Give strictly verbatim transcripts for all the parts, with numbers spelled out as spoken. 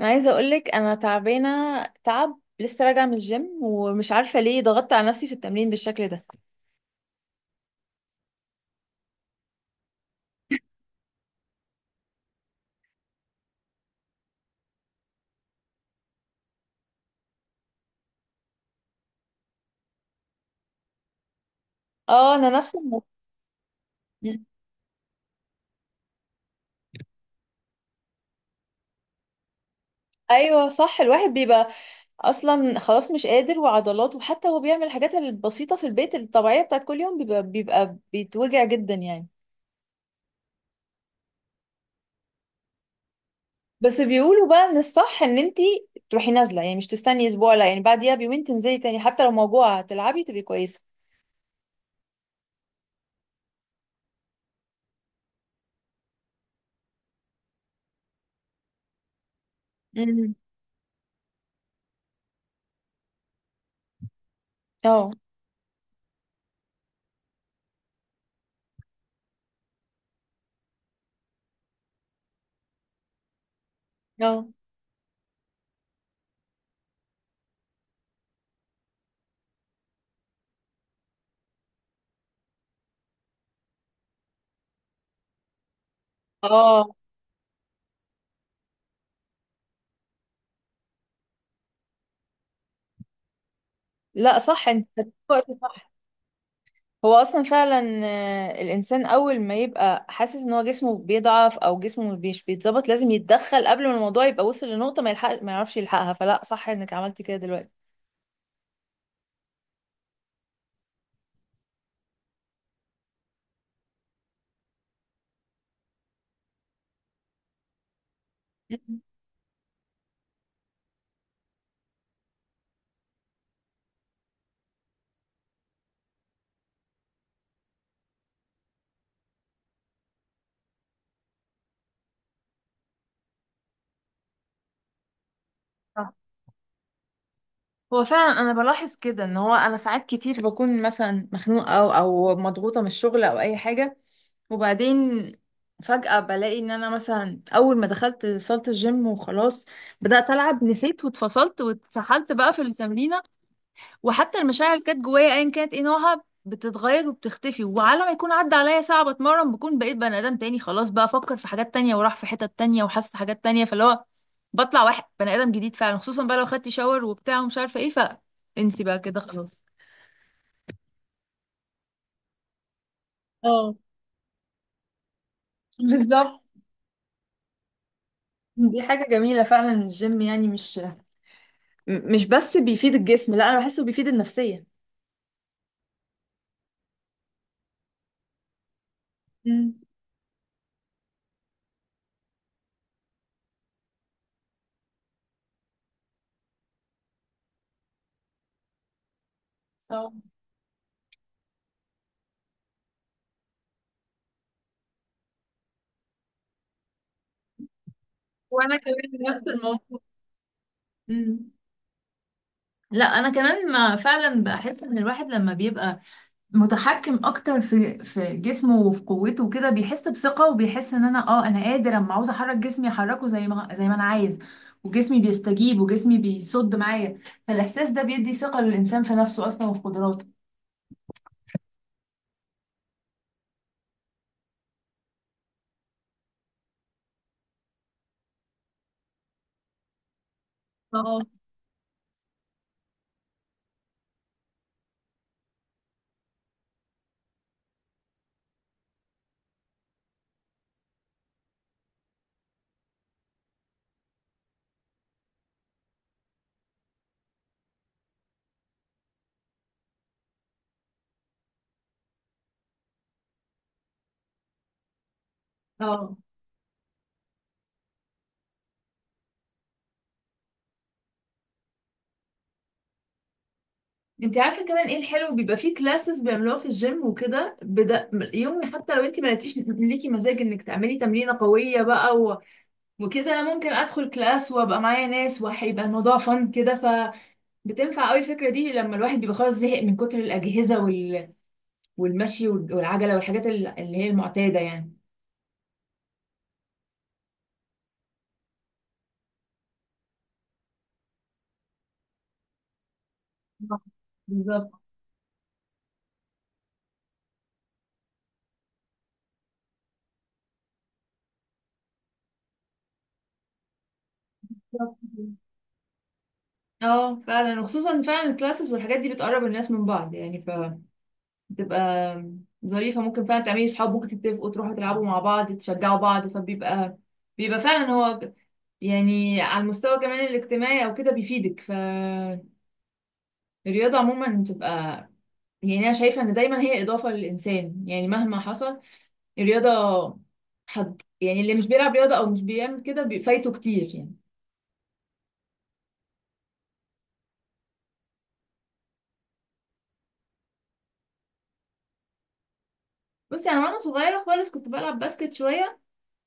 انا عايزه اقولك انا تعبانه تعب، لسه راجعه من الجيم ومش عارفه ليه ضغطت على نفسي في التمرين بالشكل ده. اه، انا نفس الم- ايوه صح، الواحد بيبقى اصلا خلاص مش قادر، وعضلاته وحتى هو بيعمل الحاجات البسيطه في البيت الطبيعيه بتاعت كل يوم بيبقى بيبقى بيتوجع جدا يعني. بس بيقولوا بقى ان الصح ان انتي تروحي نازله، يعني مش تستني اسبوع، لا يعني بعديها بيومين تنزلي تاني حتى لو موجوعه تلعبي تبقي كويسه. امم اه، اه، اه، لا صح انت، وقت صح. هو اصلا فعلا آه، الانسان اول ما يبقى حاسس ان هو جسمه بيضعف او جسمه مش بيتظبط لازم يتدخل قبل ما الموضوع يبقى وصل لنقطة ما يلحق ما يعرفش يلحقها، فلا صح انك عملتي كده دلوقتي. مم. صح. هو فعلا انا بلاحظ كده ان هو انا ساعات كتير بكون مثلا مخنوقه او او مضغوطه من الشغل او اي حاجه، وبعدين فجاه بلاقي ان انا مثلا اول ما دخلت صاله الجيم وخلاص بدات العب، نسيت واتفصلت واتسحلت بقى في التمرينه، وحتى المشاعر اللي كانت جوايا ايا كانت ايه نوعها بتتغير وبتختفي، وعلى ما يكون عدى عليا ساعة بتمرن بكون بقيت بني ادم تاني خلاص، بقى افكر في حاجات تانية وراح في حتت تانية وحاسة حاجات تانية، فاللي هو بطلع واحد بني ادم جديد فعلا، خصوصا بقى لو خدت شاور وبتاع ومش عارفة ايه، فانسي بقى كده خلاص. اه بالظبط. دي حاجة جميلة فعلا الجيم، يعني مش م- مش بس بيفيد الجسم، لا انا بحسه بيفيد النفسية. مم. اه وانا كمان نفس الموضوع. مم. لا انا كمان ما فعلا بحس ان الواحد لما بيبقى متحكم اكتر في في جسمه وفي قوته وكده بيحس بثقة، وبيحس ان انا اه انا قادر، اما عاوز احرك جسمي احركه زي ما زي ما انا عايز، وجسمي بيستجيب وجسمي بيصد معايا، فالاحساس ده بيدي ثقة للانسان في نفسه اصلا وفي قدراته. اه، اه. انت عارفه كمان ايه الحلو، بيبقى فيه كلاسز بيعملوها في الجيم وكده بدا يوم، حتى لو انت ما لقيتيش ليكي مزاج انك تعملي تمرينه قويه بقى و... وكده انا ممكن ادخل كلاس وابقى معايا ناس وهيبقى الموضوع فن كده. بتنفع قوي الفكرة دي لما الواحد بيبقى خلاص زهق من كتر الأجهزة وال... والمشي وال- والعجلة والحاجات ال- اللي هي المعتادة يعني. آه، بالظبط. بالظبط كده. اه فعلا، وخصوصا فعلا الكلاسز والحاجات دي بتقرب الناس من بعض يعني، فبتبقى ظريفة، ممكن فعلا تعملي صحاب، ممكن تتفقوا تروحوا تلعبوا مع بعض تشجعوا بعض، فبيبقى بيبقى فعلا هو ك- يعني على المستوى كمان الاجتماعي او كده بيفيدك، فالرياضة عموما بتبقى يعني انا شايفة ان دايما هي اضافة للانسان يعني مهما حصل الرياضة، حد يعني اللي مش بيلعب رياضة أو مش بيعمل كده بي- فايته كتير يعني. بصي يعني أنا وأنا صغيرة خالص كنت بلعب باسكت شوية،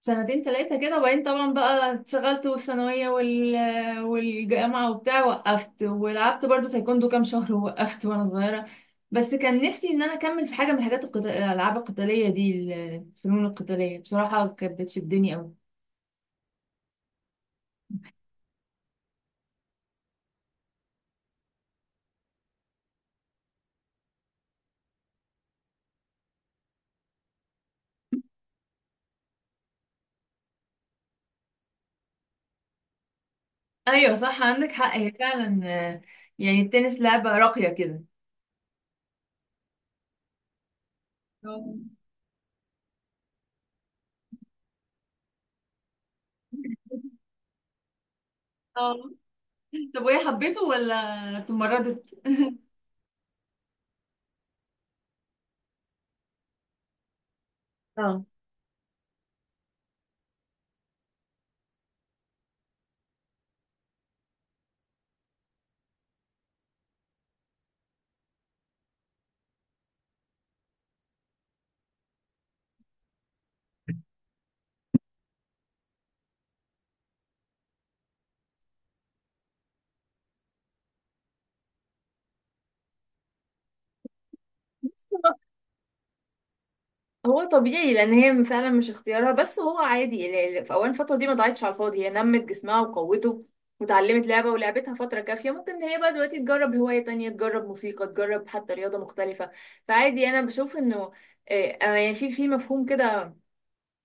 سنتين تلاتة كده، وبعدين طبعا بقى اتشغلت والثانوية وال... والجامعة وبتاع، وقفت. ولعبت برضو تايكوندو كام شهر ووقفت وأنا صغيرة، بس كان نفسي إن أنا أكمل في حاجة من الحاجات القتال... الألعاب القتالية دي ال- الفنون القتالية، بصراحة كانت بتشدني أوي. أيوة صح، عندك حق، هي فعلا آه، يعني التنس لعبة راقية كده. آه. طب وهي حبيته ولا تمردت؟ اه هو طبيعي، لان هي فعلا مش اختيارها، بس هو عادي ال- ال- في اول الفتره دي ما ضاعتش على الفاضي، هي نمت جسمها وقوته وتعلمت لعبه ولعبتها فتره كافيه، ممكن هي بقى دلوقتي تجرب هوايه تانية، تجرب موسيقى، تجرب حتى رياضه مختلفه، فعادي. انا بشوف انه آه، انا يعني في في مفهوم كده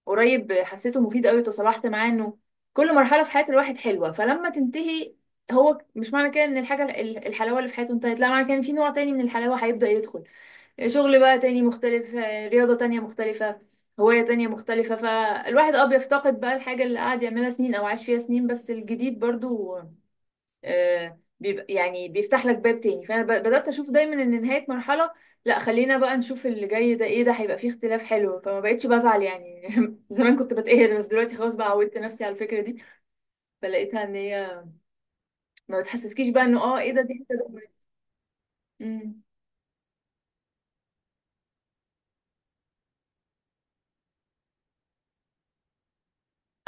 قريب حسيته مفيد قوي، وتصالحت معاه، انه كل مرحله في حياه الواحد حلوه، فلما تنتهي هو مش معنى كده ان الحاجه ال- الحلاوه اللي في حياته انتهت، لا معنى كده ان في نوع تاني من الحلاوه هيبدا يدخل. شغل بقى تاني مختلف، آه، رياضة تانية مختلفة، هواية تانية مختلفة، فالواحد اه بيفتقد بقى الحاجة اللي قعد يعملها سنين أو عاش فيها سنين، بس الجديد برضو آه، بيبقى يعني بيفتح لك باب تاني، فأنا ب- بدأت أشوف دايما إن نهاية مرحلة لا، خلينا بقى نشوف اللي جاي ده ايه، ده هيبقى فيه اختلاف حلو. فما بقتش بزعل يعني زمان كنت بتقهر بس دلوقتي خلاص بقى عودت نفسي على الفكرة دي، فلقيتها ان هي ما بتحسسكيش بقى انه اه ايه ده، دي حتة ده. مم.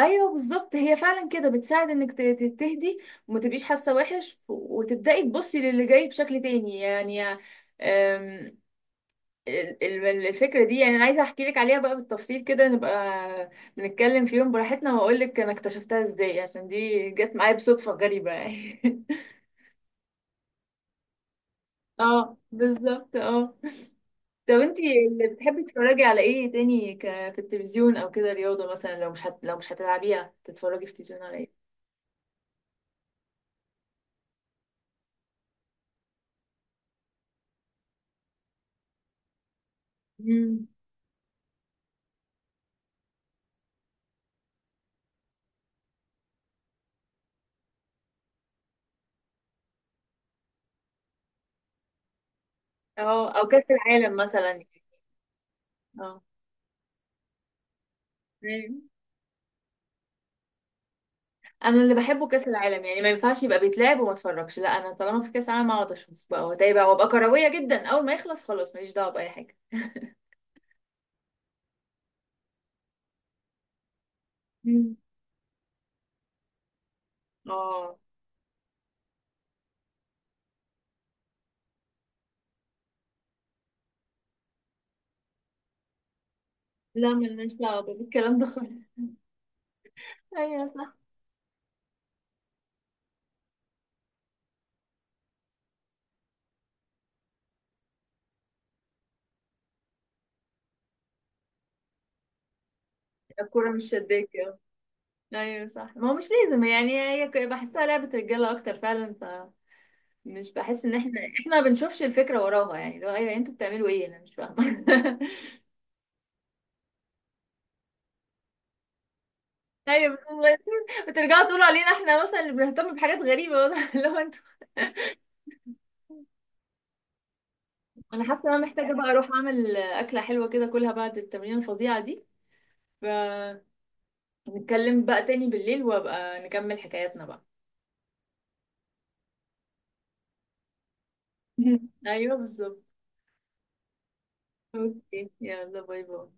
ايوه بالظبط، هي فعلا كده بتساعد انك ت- ت- تهدي وما تبقيش حاسه وحش، وتبداي تبصي للي جاي بشكل تاني يعني. أم، ال- ال- الفكره دي يعني انا عايزه احكي لك عليها بقى بالتفصيل كده، نبقى بنتكلم في يوم براحتنا واقول لك انا اكتشفتها ازاي، عشان دي جت معايا بصدفه غريبه يعني اه بالظبط اه. طب انتي اللي بتحبي تتفرجي على ايه تاني ك... في التلفزيون او كده؟ رياضه مثلا لو مش هت... لو مش هتلعبيها تتفرجي في التلفزيون على ايه؟ اه او كاس العالم مثلا يعني. اه. أيوة. انا اللي بحبه كاس العالم، يعني ما ينفعش يبقى بيتلعب وما اتفرجش، لا انا طالما في كاس العالم اقعد اشوف بقى واتابع بقى، وابقى كرويه جدا، اول ما يخلص خلاص ماليش دعوه باي حاجه. مم. اه. لا مالناش دعوه بالكلام ده خالص ايوه صح. الكوره مش شداك اه. ايوه صح، ما هو مش لازم يعني، هي ك- بحسها لعبه رجاله اكتر فعلا، فمش بحس ان احنا احنا ما بنشوفش الفكره وراها يعني، لو ايوه انتوا بتعملوا ايه انا مش فاهمه ايوه بترجعوا تقولوا علينا احنا مثلا اللي بنهتم بحاجات غريبه، واضح اللي هو انتوا. انا حاسه ان انا محتاجه بقى اروح اعمل اكله حلوه كده كلها بعد التمرين الفظيعه دي، فنتكلم بقى تاني بالليل وابقى نكمل حكاياتنا بقى. ايوه بالظبط. اوكي يلا باي باي.